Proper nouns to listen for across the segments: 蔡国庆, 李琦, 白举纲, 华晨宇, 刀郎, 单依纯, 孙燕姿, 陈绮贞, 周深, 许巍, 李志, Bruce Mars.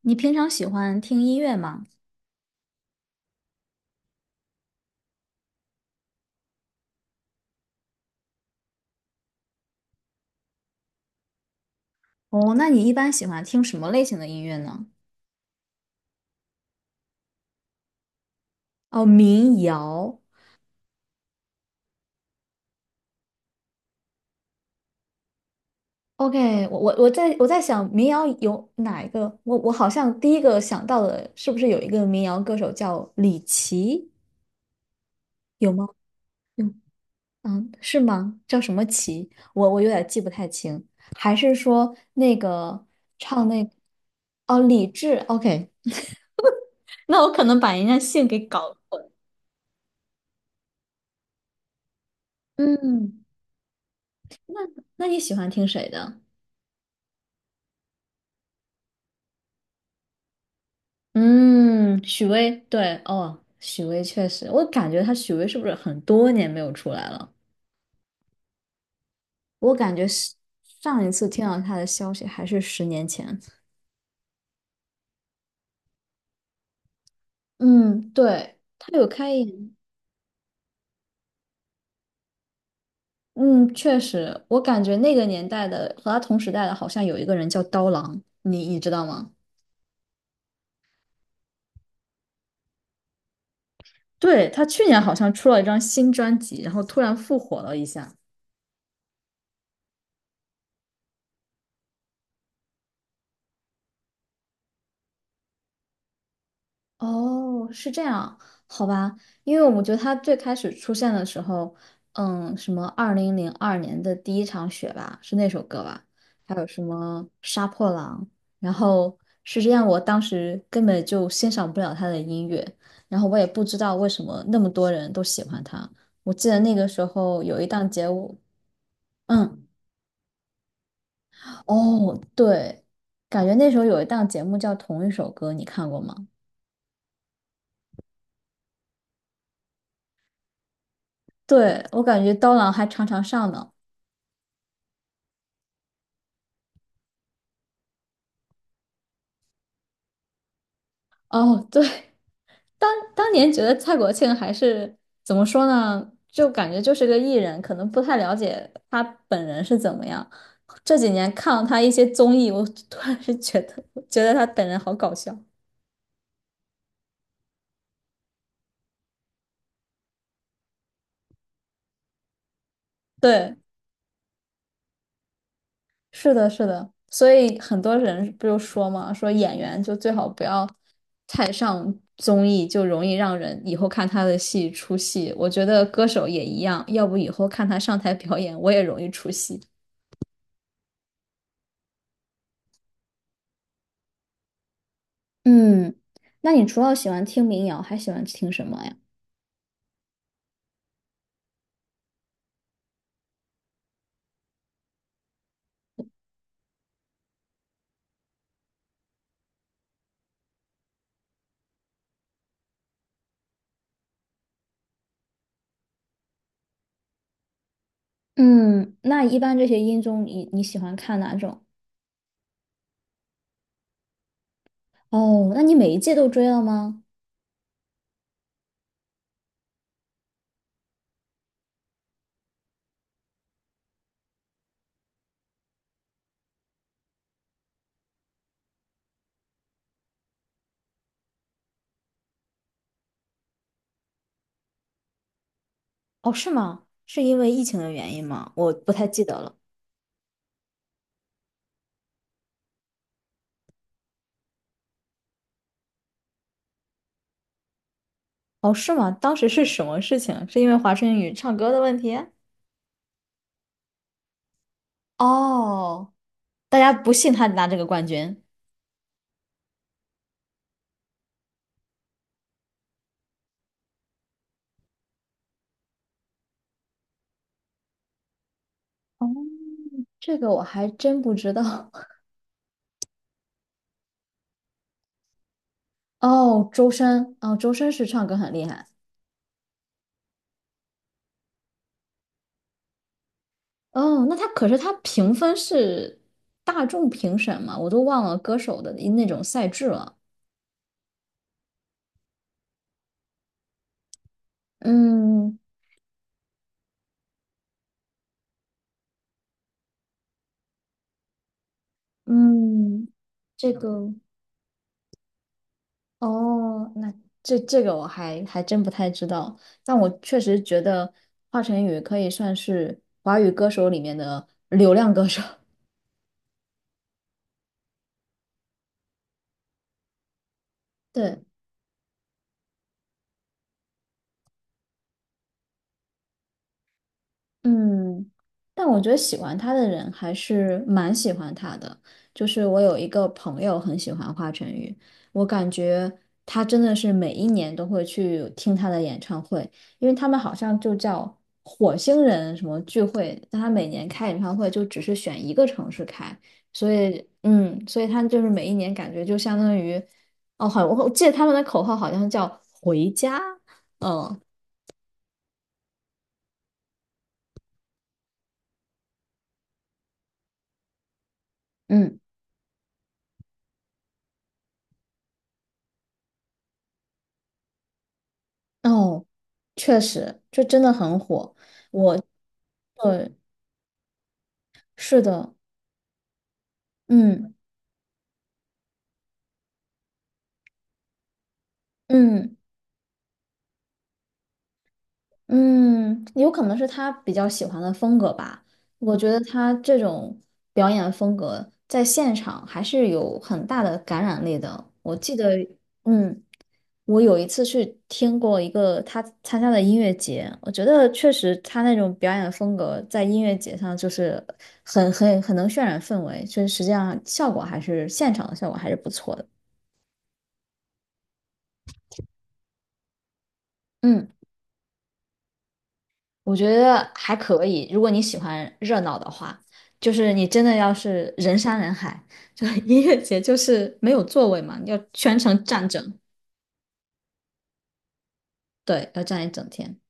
你平常喜欢听音乐吗？哦，那你一般喜欢听什么类型的音乐呢？哦，民谣。OK,我在想民谣有哪一个？我好像第一个想到的是不是有一个民谣歌手叫李琦？有吗？有。嗯，是吗？叫什么琦？我有点记不太清。还是说那个唱那哦李志？OK,那我可能把人家姓给搞混。嗯，那你喜欢听谁的？嗯，许巍，对，哦，许巍确实，我感觉他许巍是不是很多年没有出来了？我感觉是上一次听到他的消息还是十年前。嗯，对，他有开演，嗯，确实，我感觉那个年代的和他同时代的，好像有一个人叫刀郎，你知道吗？对，他去年好像出了一张新专辑，然后突然复活了一下。哦，是这样，好吧，因为我觉得他最开始出现的时候，嗯，什么2002年的第一场雪吧，是那首歌吧，还有什么杀破狼，然后是这样，我当时根本就欣赏不了他的音乐，然后我也不知道为什么那么多人都喜欢他。我记得那个时候有一档节目，嗯，哦，对，感觉那时候有一档节目叫《同一首歌》，你看过吗？对，我感觉刀郎还常常上呢。哦，对，当当年觉得蔡国庆还是怎么说呢，就感觉就是个艺人，可能不太了解他本人是怎么样。这几年看了他一些综艺，我突然是觉得觉得他本人好搞笑。对，是的，是的，所以很多人不就说嘛，说演员就最好不要太上综艺，就容易让人以后看他的戏出戏。我觉得歌手也一样，要不以后看他上台表演，我也容易出戏。嗯，那你除了喜欢听民谣，还喜欢听什么呀？嗯，那一般这些音综你喜欢看哪种？哦，那你每一季都追了吗？哦，是吗？是因为疫情的原因吗？我不太记得了。哦，是吗？当时是什么事情？是因为华晨宇唱歌的问题？哦，大家不信他拿这个冠军。哦，这个我还真不知道。哦，周深，哦，周深是唱歌很厉害。哦，那他可是他评分是大众评审嘛，我都忘了歌手的那种赛制了。嗯嗯，这个哦，那这这个我还还真不太知道，但我确实觉得华晨宇可以算是华语歌手里面的流量歌手。对，嗯，但我觉得喜欢他的人还是蛮喜欢他的。就是我有一个朋友很喜欢华晨宇，我感觉他真的是每一年都会去听他的演唱会，因为他们好像就叫火星人什么聚会，但他每年开演唱会就只是选一个城市开，所以嗯，所以他就是每一年感觉就相当于，哦，好，我记得他们的口号好像叫回家，嗯。嗯哦，确实，这真的很火。我，对，是的，嗯嗯嗯，有可能是他比较喜欢的风格吧。我觉得他这种表演风格在现场还是有很大的感染力的。我记得，嗯。我有一次去听过一个他参加的音乐节，我觉得确实他那种表演风格在音乐节上就是很能渲染氛围，就是实际上效果还是现场的效果还是不错的。嗯，我觉得还可以，如果你喜欢热闹的话，就是你真的要是人山人海，就 音乐节就是没有座位嘛，你要全程站着，对，要站一整天。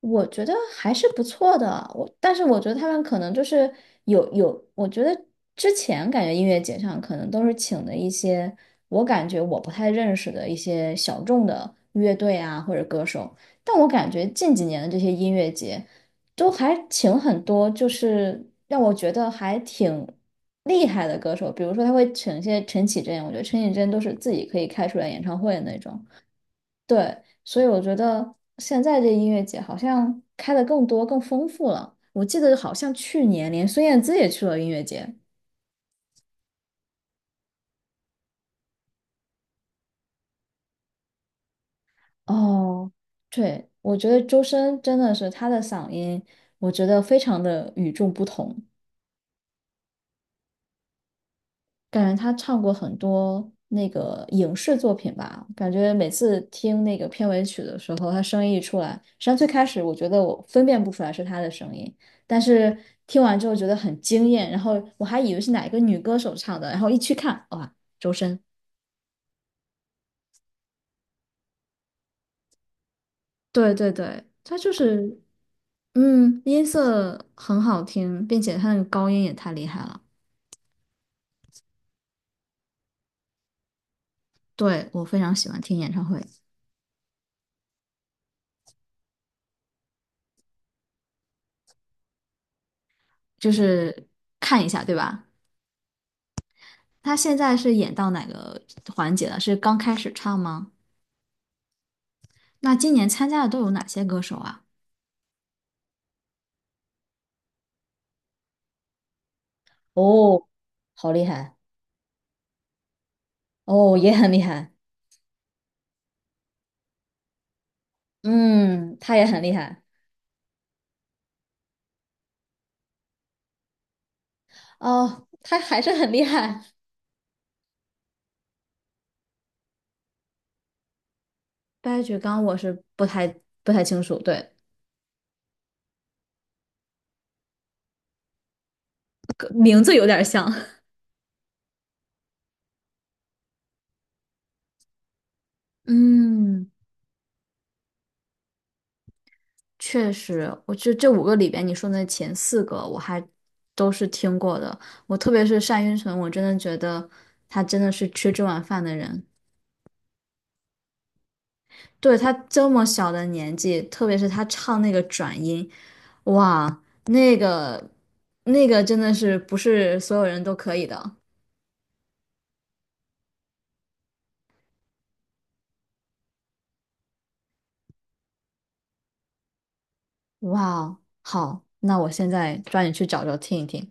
我觉得还是不错的，我但是我觉得他们可能就是有，我觉得之前感觉音乐节上可能都是请的一些我感觉我不太认识的一些小众的乐队啊或者歌手，但我感觉近几年的这些音乐节都还请很多，就是让我觉得还挺厉害的歌手，比如说他会请一些陈绮贞，我觉得陈绮贞都是自己可以开出来演唱会的那种。对，所以我觉得现在这音乐节好像开的更多、更丰富了。我记得好像去年连孙燕姿也去了音乐节。哦，对，我觉得周深真的是他的嗓音，我觉得非常的与众不同。感觉他唱过很多那个影视作品吧，感觉每次听那个片尾曲的时候，他声音一出来，实际上最开始我觉得我分辨不出来是他的声音，但是听完之后觉得很惊艳，然后我还以为是哪一个女歌手唱的，然后一去看，哇，周深。对对对，他就是，嗯，音色很好听，并且他那个高音也太厉害了。对，我非常喜欢听演唱会，就是看一下，对吧？他现在是演到哪个环节了？是刚开始唱吗？那今年参加的都有哪些歌手啊？哦，好厉害！哦，也很厉害。嗯，他也很厉害。哦，他还是很厉害。白举纲我是不太清楚，对，个名字有点像。嗯，确实，我这五个里边，你说的前四个我还都是听过的。我特别是单依纯，我真的觉得他真的是吃这碗饭的人。对，他这么小的年纪，特别是他唱那个转音，哇，那个那个真的是不是所有人都可以的。哇哦，好，那我现在抓紧去找找听一听。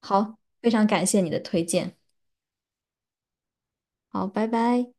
好，非常感谢你的推荐。好，拜拜。